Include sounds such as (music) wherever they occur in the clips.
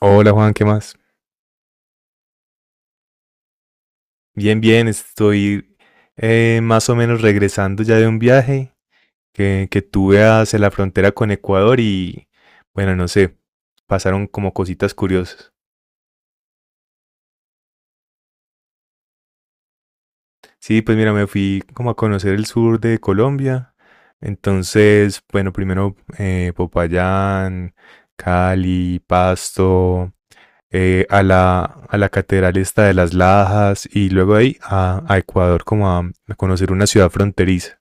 Hola Juan, ¿qué más? Bien, bien, estoy más o menos regresando ya de un viaje que tuve hacia la frontera con Ecuador y bueno, no sé, pasaron como cositas curiosas. Sí, pues mira, me fui como a conocer el sur de Colombia. Entonces, bueno, primero Popayán, Cali, Pasto, a la catedral esta de las Lajas y luego ahí a Ecuador como a conocer una ciudad fronteriza.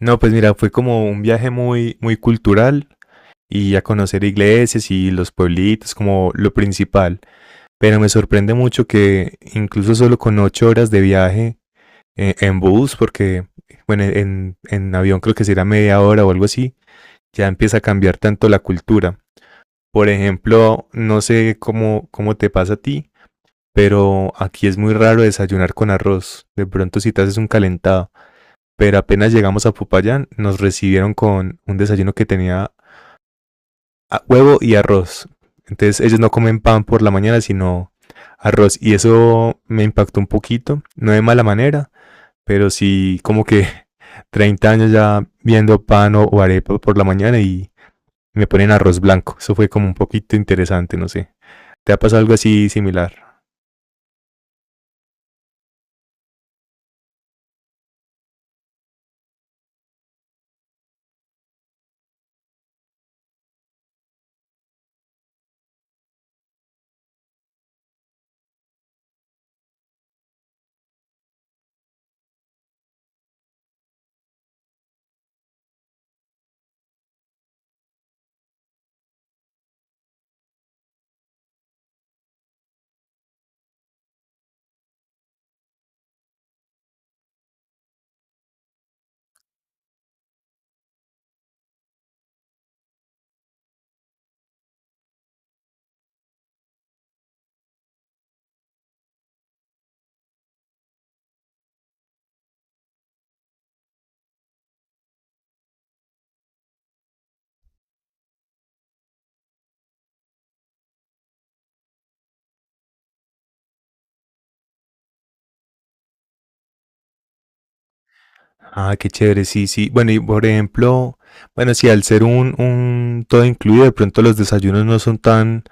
No, pues mira, fue como un viaje muy, muy cultural y a conocer iglesias y los pueblitos como lo principal. Pero me sorprende mucho que incluso solo con 8 horas de viaje en bus, porque bueno, en avión creo que será media hora o algo así, ya empieza a cambiar tanto la cultura. Por ejemplo, no sé cómo te pasa a ti, pero aquí es muy raro desayunar con arroz. De pronto si te haces un calentado pero apenas llegamos a Popayán nos recibieron con un desayuno que tenía huevo y arroz. Entonces ellos no comen pan por la mañana, sino arroz. Y eso me impactó un poquito, no de mala manera, pero sí como que (laughs) 30 años ya viendo pan o arepa por la mañana y me ponen arroz blanco. Eso fue como un poquito interesante, no sé. ¿Te ha pasado algo así similar? Ah, qué chévere, sí, sí. Bueno, y por ejemplo, bueno, si al ser un todo incluido, de pronto los desayunos no son tan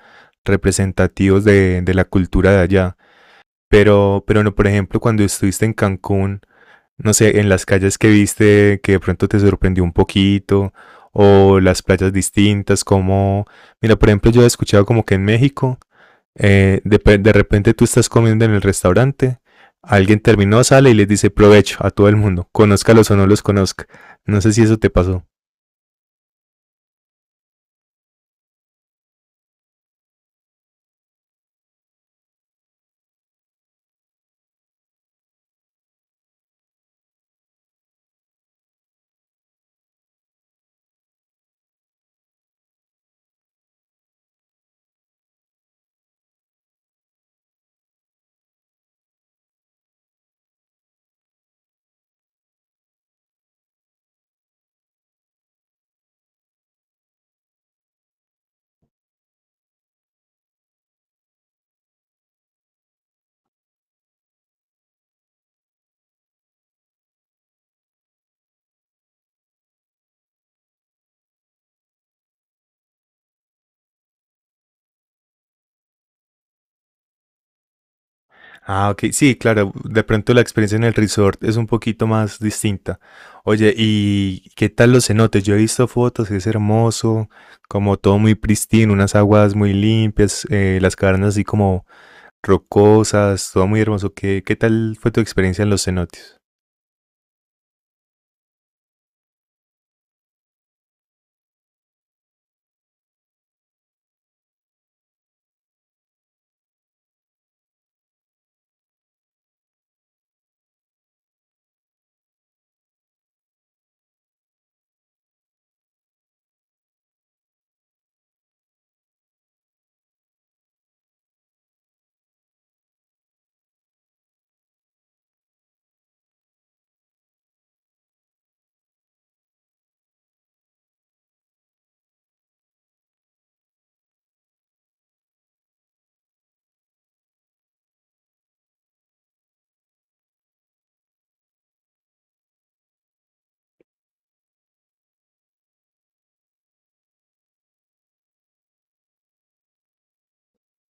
representativos de la cultura de allá. Pero no, por ejemplo, cuando estuviste en Cancún, no sé, en las calles que viste, que de pronto te sorprendió un poquito, o las playas distintas, como, mira, por ejemplo, yo he escuchado como que en México de repente tú estás comiendo en el restaurante, alguien terminó, sale y les dice provecho a todo el mundo, conózcalos o no los conozca. No sé si eso te pasó. Ah, ok, sí, claro, de pronto la experiencia en el resort es un poquito más distinta. Oye, ¿y qué tal los cenotes? Yo he visto fotos, es hermoso, como todo muy pristino, unas aguas muy limpias, las cavernas así como rocosas, todo muy hermoso. ¿Qué, qué tal fue tu experiencia en los cenotes?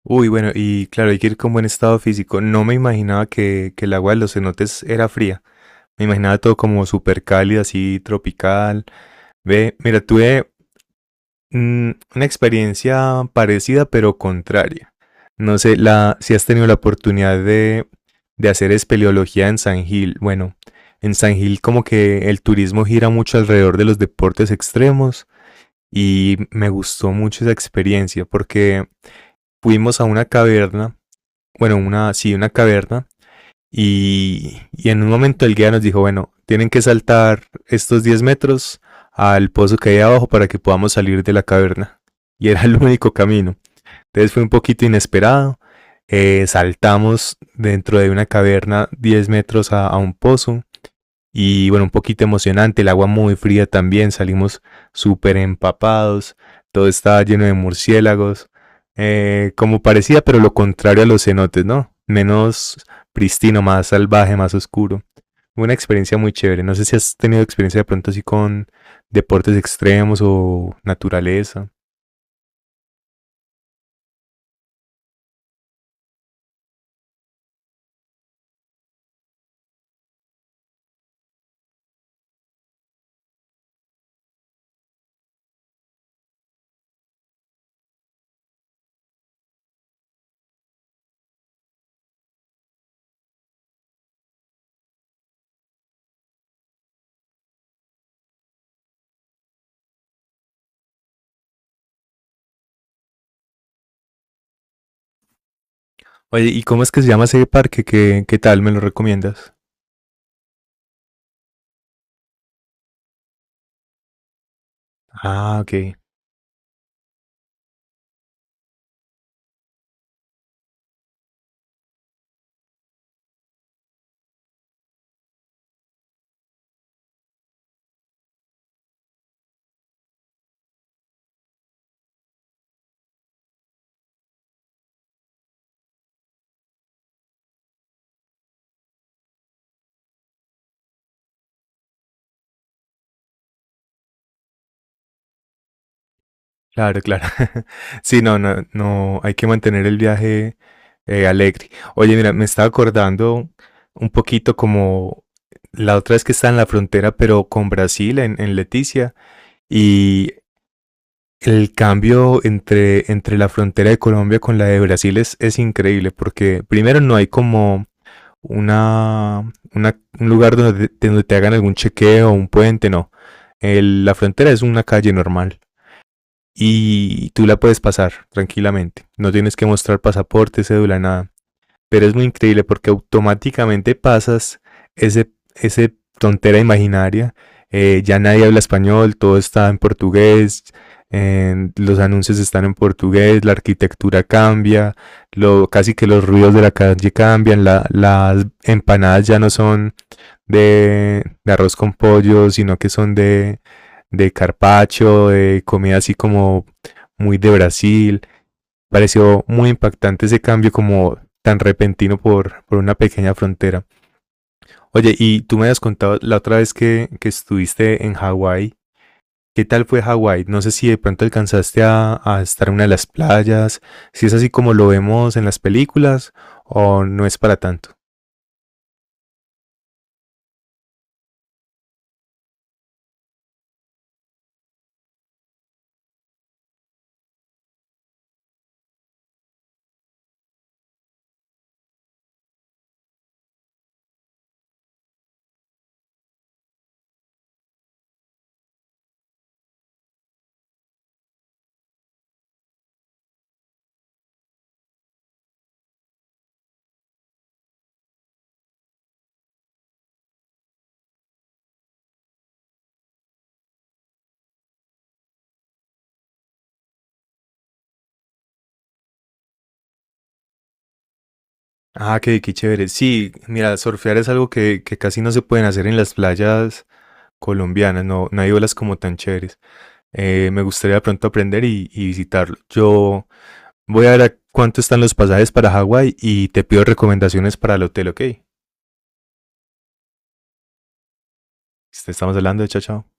Uy, bueno, y claro, hay que ir con buen estado físico. No me imaginaba que el agua de los cenotes era fría. Me imaginaba todo como súper cálido, así tropical. Ve, mira, tuve una experiencia parecida pero contraria. No sé si has tenido la oportunidad de hacer espeleología en San Gil. Bueno, en San Gil como que el turismo gira mucho alrededor de los deportes extremos y me gustó mucho esa experiencia porque fuimos a una caverna bueno, una, sí, una caverna. Y en un momento el guía nos dijo, bueno, tienen que saltar estos 10 metros al pozo que hay abajo para que podamos salir de la caverna. Y era el único camino. Entonces fue un poquito inesperado. Saltamos dentro de una caverna 10 metros a un pozo. Y bueno, un poquito emocionante, el agua muy fría también, salimos súper empapados, todo estaba lleno de murciélagos, como parecía, pero lo contrario a los cenotes, ¿no? Menos pristino, más salvaje, más oscuro. Una experiencia muy chévere. No sé si has tenido experiencia de pronto así con deportes extremos o naturaleza. Oye, ¿y cómo es que se llama ese parque? ¿Qué, qué tal? ¿Me lo recomiendas? Ah, ok. Claro, claro. (laughs) Sí, no, no, no, hay que mantener el viaje alegre. Oye, mira, me estaba acordando un poquito como la otra vez que estaba en la frontera, pero con Brasil, en Leticia, y el cambio entre la frontera de Colombia con la de Brasil es increíble, porque primero no hay como un lugar donde te hagan algún chequeo, o un puente, no. La frontera es una calle normal y tú la puedes pasar tranquilamente. No tienes que mostrar pasaporte, cédula, nada. Pero es muy increíble porque automáticamente pasas ese tontera imaginaria. Ya nadie habla español, todo está en portugués, los anuncios están en portugués, la arquitectura cambia, lo, casi que los ruidos de la calle cambian, la, las empanadas ya no son de arroz con pollo, sino que son de carpacho, de comida así como muy de Brasil. Pareció muy impactante ese cambio como tan repentino por una pequeña frontera. Oye, y tú me habías contado la otra vez que estuviste en Hawái. ¿Qué tal fue Hawái? No sé si de pronto alcanzaste a estar en una de las playas, si es así como lo vemos en las películas o no es para tanto. Ah, qué, qué chévere. Sí, mira, surfear es algo que casi no se pueden hacer en las playas colombianas, no, no hay olas como tan chéveres. Me gustaría de pronto aprender y visitarlo. Yo voy a ver a cuánto están los pasajes para Hawái y te pido recomendaciones para el hotel, ¿ok? Estamos hablando de chao, chao.